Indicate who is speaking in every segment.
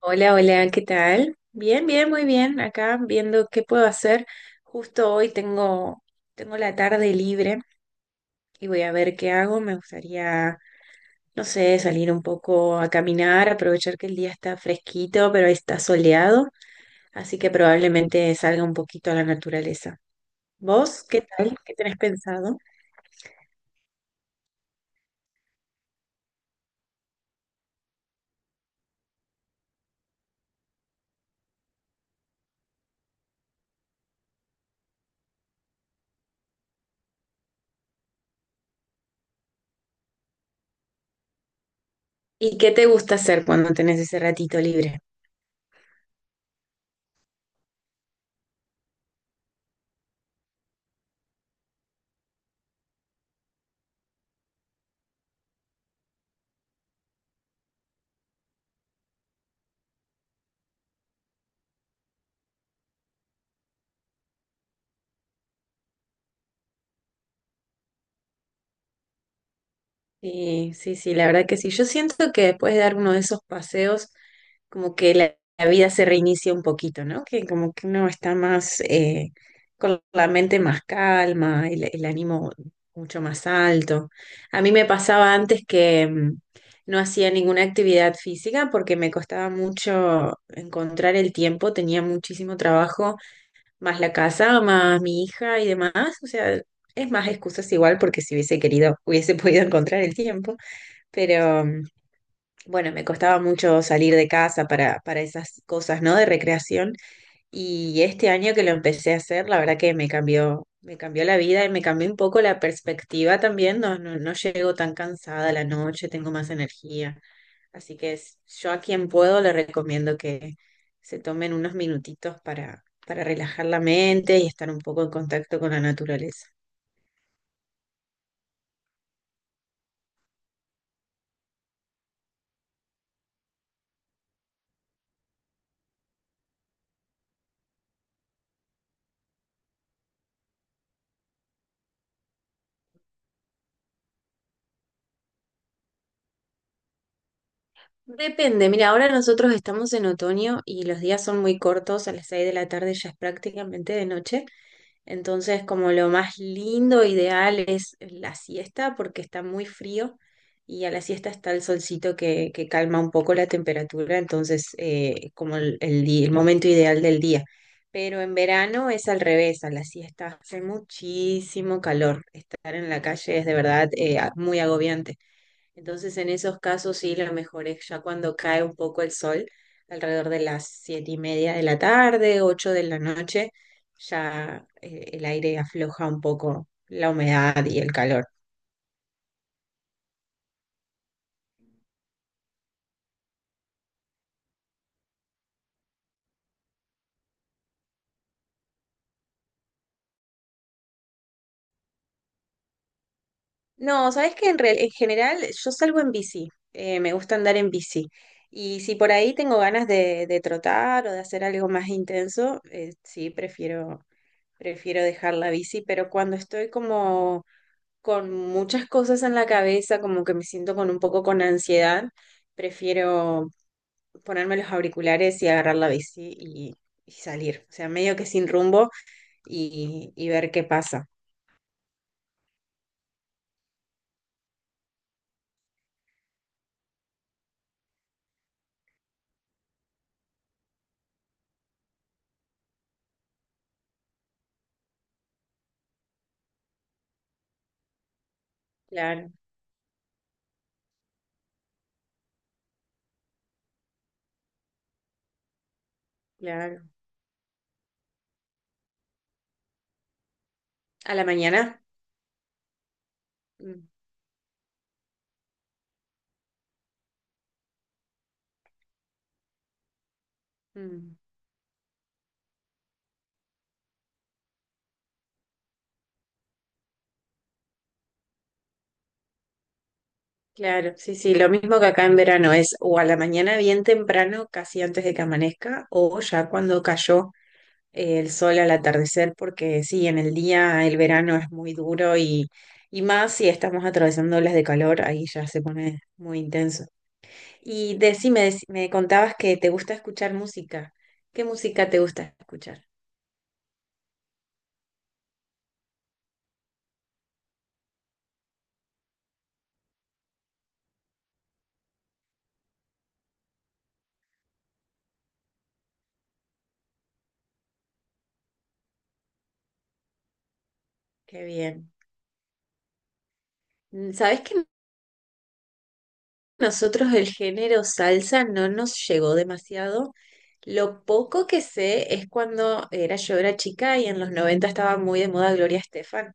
Speaker 1: Hola, hola, ¿qué tal? Bien, bien, muy bien. Acá viendo qué puedo hacer. Justo hoy tengo la tarde libre y voy a ver qué hago. Me gustaría, no sé, salir un poco a caminar, aprovechar que el día está fresquito, pero está soleado, así que probablemente salga un poquito a la naturaleza. ¿Vos qué tal? ¿Qué tenés pensado? ¿Y qué te gusta hacer cuando tenés ese ratito libre? Sí, sí, sí, la verdad que sí. Yo siento que después de dar uno de esos paseos, como que la vida se reinicia un poquito, ¿no? Que como que uno está más con la mente más calma, el ánimo mucho más alto. A mí me pasaba antes que no hacía ninguna actividad física porque me costaba mucho encontrar el tiempo, tenía muchísimo trabajo más la casa, más mi hija y demás. O sea, es más excusas igual porque si hubiese querido, hubiese podido encontrar el tiempo. Pero bueno, me costaba mucho salir de casa para esas cosas, ¿no? De recreación. Y este año que lo empecé a hacer, la verdad que me cambió la vida y me cambió un poco la perspectiva también. No, no, no llego tan cansada a la noche, tengo más energía. Así que yo a quien puedo le recomiendo que se tomen unos minutitos para relajar la mente y estar un poco en contacto con la naturaleza. Depende, mira, ahora nosotros estamos en otoño y los días son muy cortos, a las 6 de la tarde ya es prácticamente de noche. Entonces, como lo más lindo, ideal es la siesta porque está muy frío y a la siesta está el solcito que calma un poco la temperatura, entonces como el momento ideal del día. Pero en verano es al revés, a la siesta hace muchísimo calor. Estar en la calle es de verdad muy agobiante. Entonces, en esos casos sí, lo mejor es ya cuando cae un poco el sol, alrededor de las 7:30 de la tarde, 8 de la noche, ya el aire afloja un poco la humedad y el calor. No, sabes que en general yo salgo en bici, me gusta andar en bici. Y si por ahí tengo ganas de trotar o de hacer algo más intenso, sí, prefiero dejar la bici, pero cuando estoy como con muchas cosas en la cabeza, como que me siento con un poco con ansiedad, prefiero ponerme los auriculares y agarrar la bici y salir. O sea, medio que sin rumbo y ver qué pasa. Claro, claro. ¿A la mañana? Mm. Mm. Claro, sí, sí, lo mismo que acá en verano es o a la mañana bien temprano, casi antes de que amanezca, o ya cuando cayó el sol al atardecer, porque sí, en el día el verano es muy duro y más si estamos atravesando olas de calor, ahí ya se pone muy intenso. Y decime, me contabas que te gusta escuchar música. ¿Qué música te gusta escuchar? Qué bien. ¿Sabés que nosotros el género salsa no nos llegó demasiado? Lo poco que sé es cuando era yo era chica y en los 90 estaba muy de moda Gloria Estefan.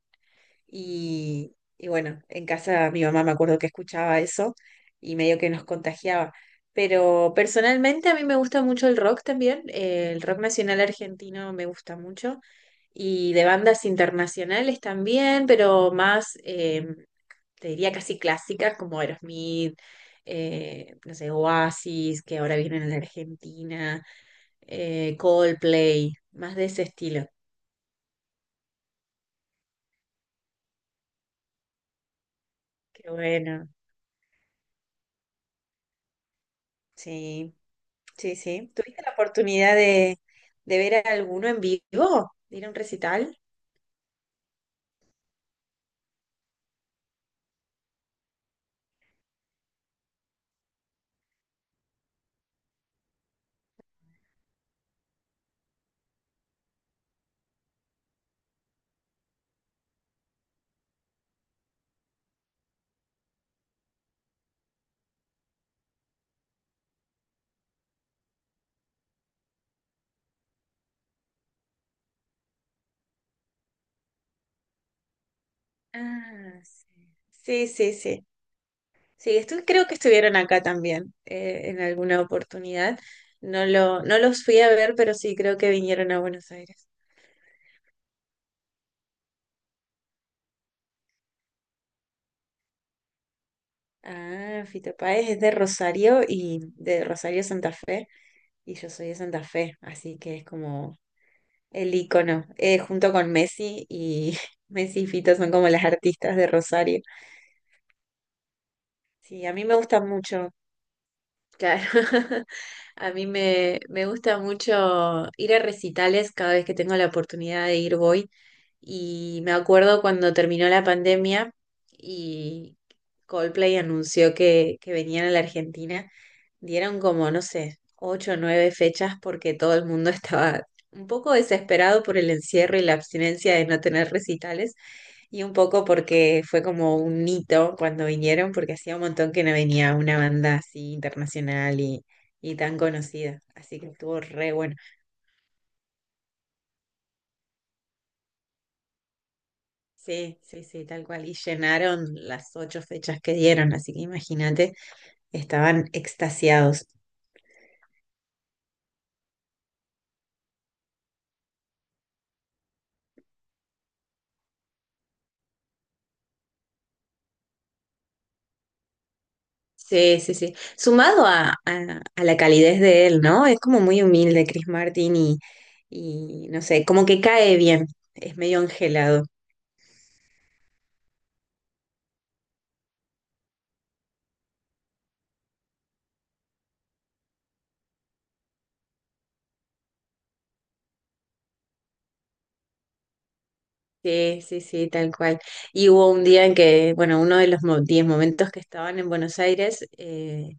Speaker 1: Y bueno, en casa mi mamá me acuerdo que escuchaba eso y medio que nos contagiaba. Pero personalmente a mí me gusta mucho el rock también. El rock nacional argentino me gusta mucho. Y de bandas internacionales también, pero más, te diría casi clásicas como Aerosmith, no sé, Oasis, que ahora vienen a la Argentina, Coldplay, más de ese estilo. Qué bueno, sí. Sí, sí. ¿Tuviste la oportunidad de ver a alguno en vivo? ¿De ir a un recital? Ah, sí. Sí, sí, sí. Sí, creo que estuvieron acá también en alguna oportunidad. No los fui a ver, pero sí creo que vinieron a Buenos Aires. Ah, Fito Páez es de Rosario y de Rosario Santa Fe, y yo soy de Santa Fe, así que es como el ícono, junto con Messi y Messi y Fito son como las artistas de Rosario. Sí, a mí me gusta mucho. Claro. A mí me gusta mucho ir a recitales cada vez que tengo la oportunidad de ir voy y me acuerdo cuando terminó la pandemia y Coldplay anunció que venían a la Argentina, dieron como, no sé, ocho o nueve fechas porque todo el mundo estaba un poco desesperado por el encierro y la abstinencia de no tener recitales y un poco porque fue como un hito cuando vinieron, porque hacía un montón que no venía una banda así internacional y tan conocida. Así que estuvo re bueno. Sí, sí, sí, tal cual. Y llenaron las ocho fechas que dieron, así que imagínate, estaban extasiados. Sí, sí, sí. Sumado a la calidez de él, ¿no? Es como muy humilde Chris Martin y no sé, como que cae bien. Es medio angelado. Sí, sí, sí, tal cual. Y hubo un día en que, bueno, uno de los 10 momentos que estaban en Buenos Aires,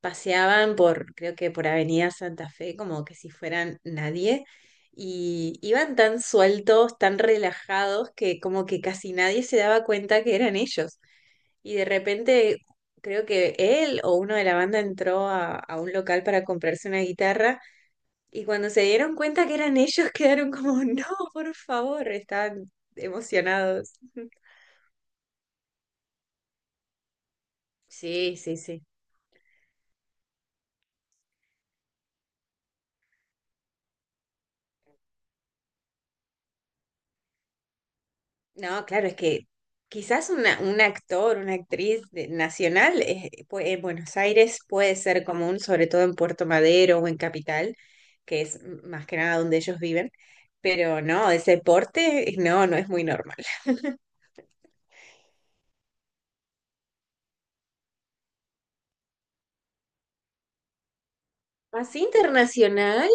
Speaker 1: paseaban por, creo que por Avenida Santa Fe, como que si fueran nadie, y iban tan sueltos, tan relajados, que como que casi nadie se daba cuenta que eran ellos. Y de repente, creo que él o uno de la banda entró a un local para comprarse una guitarra. Y cuando se dieron cuenta que eran ellos, quedaron como, no, por favor, estaban emocionados. Sí, sí, sí. No, claro, es que quizás una, un actor, una actriz nacional en Buenos Aires puede ser común, sobre todo en Puerto Madero o en Capital, que es más que nada donde ellos viven, pero no, ese porte no, no es muy normal. Así internacional.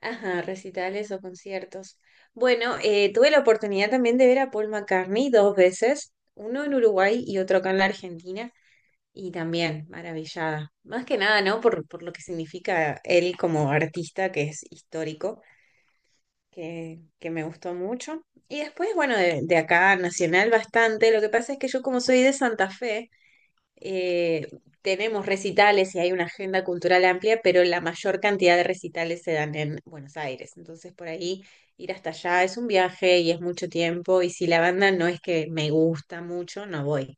Speaker 1: Ajá, recitales o conciertos. Bueno, tuve la oportunidad también de ver a Paul McCartney dos veces, uno en Uruguay y otro acá en la Argentina, y también maravillada. Más que nada, ¿no? Por lo que significa él como artista, que es histórico, que me gustó mucho. Y después, bueno, de acá, nacional bastante. Lo que pasa es que yo como soy de Santa Fe, eh, tenemos recitales y hay una agenda cultural amplia, pero la mayor cantidad de recitales se dan en Buenos Aires. Entonces, por ahí ir hasta allá es un viaje y es mucho tiempo. Y si la banda no es que me gusta mucho, no voy.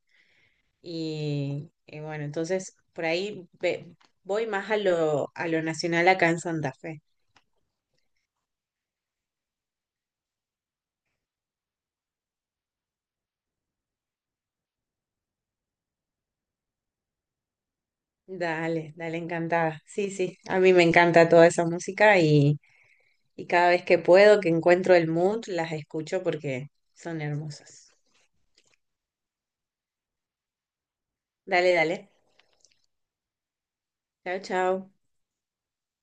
Speaker 1: Y bueno, entonces por ahí voy más a lo, nacional acá en Santa Fe. Dale, dale, encantada. Sí, sí, a mí me encanta toda esa música y cada vez que puedo, que encuentro el mood, las escucho porque son hermosas. Dale, dale. Chao, chao.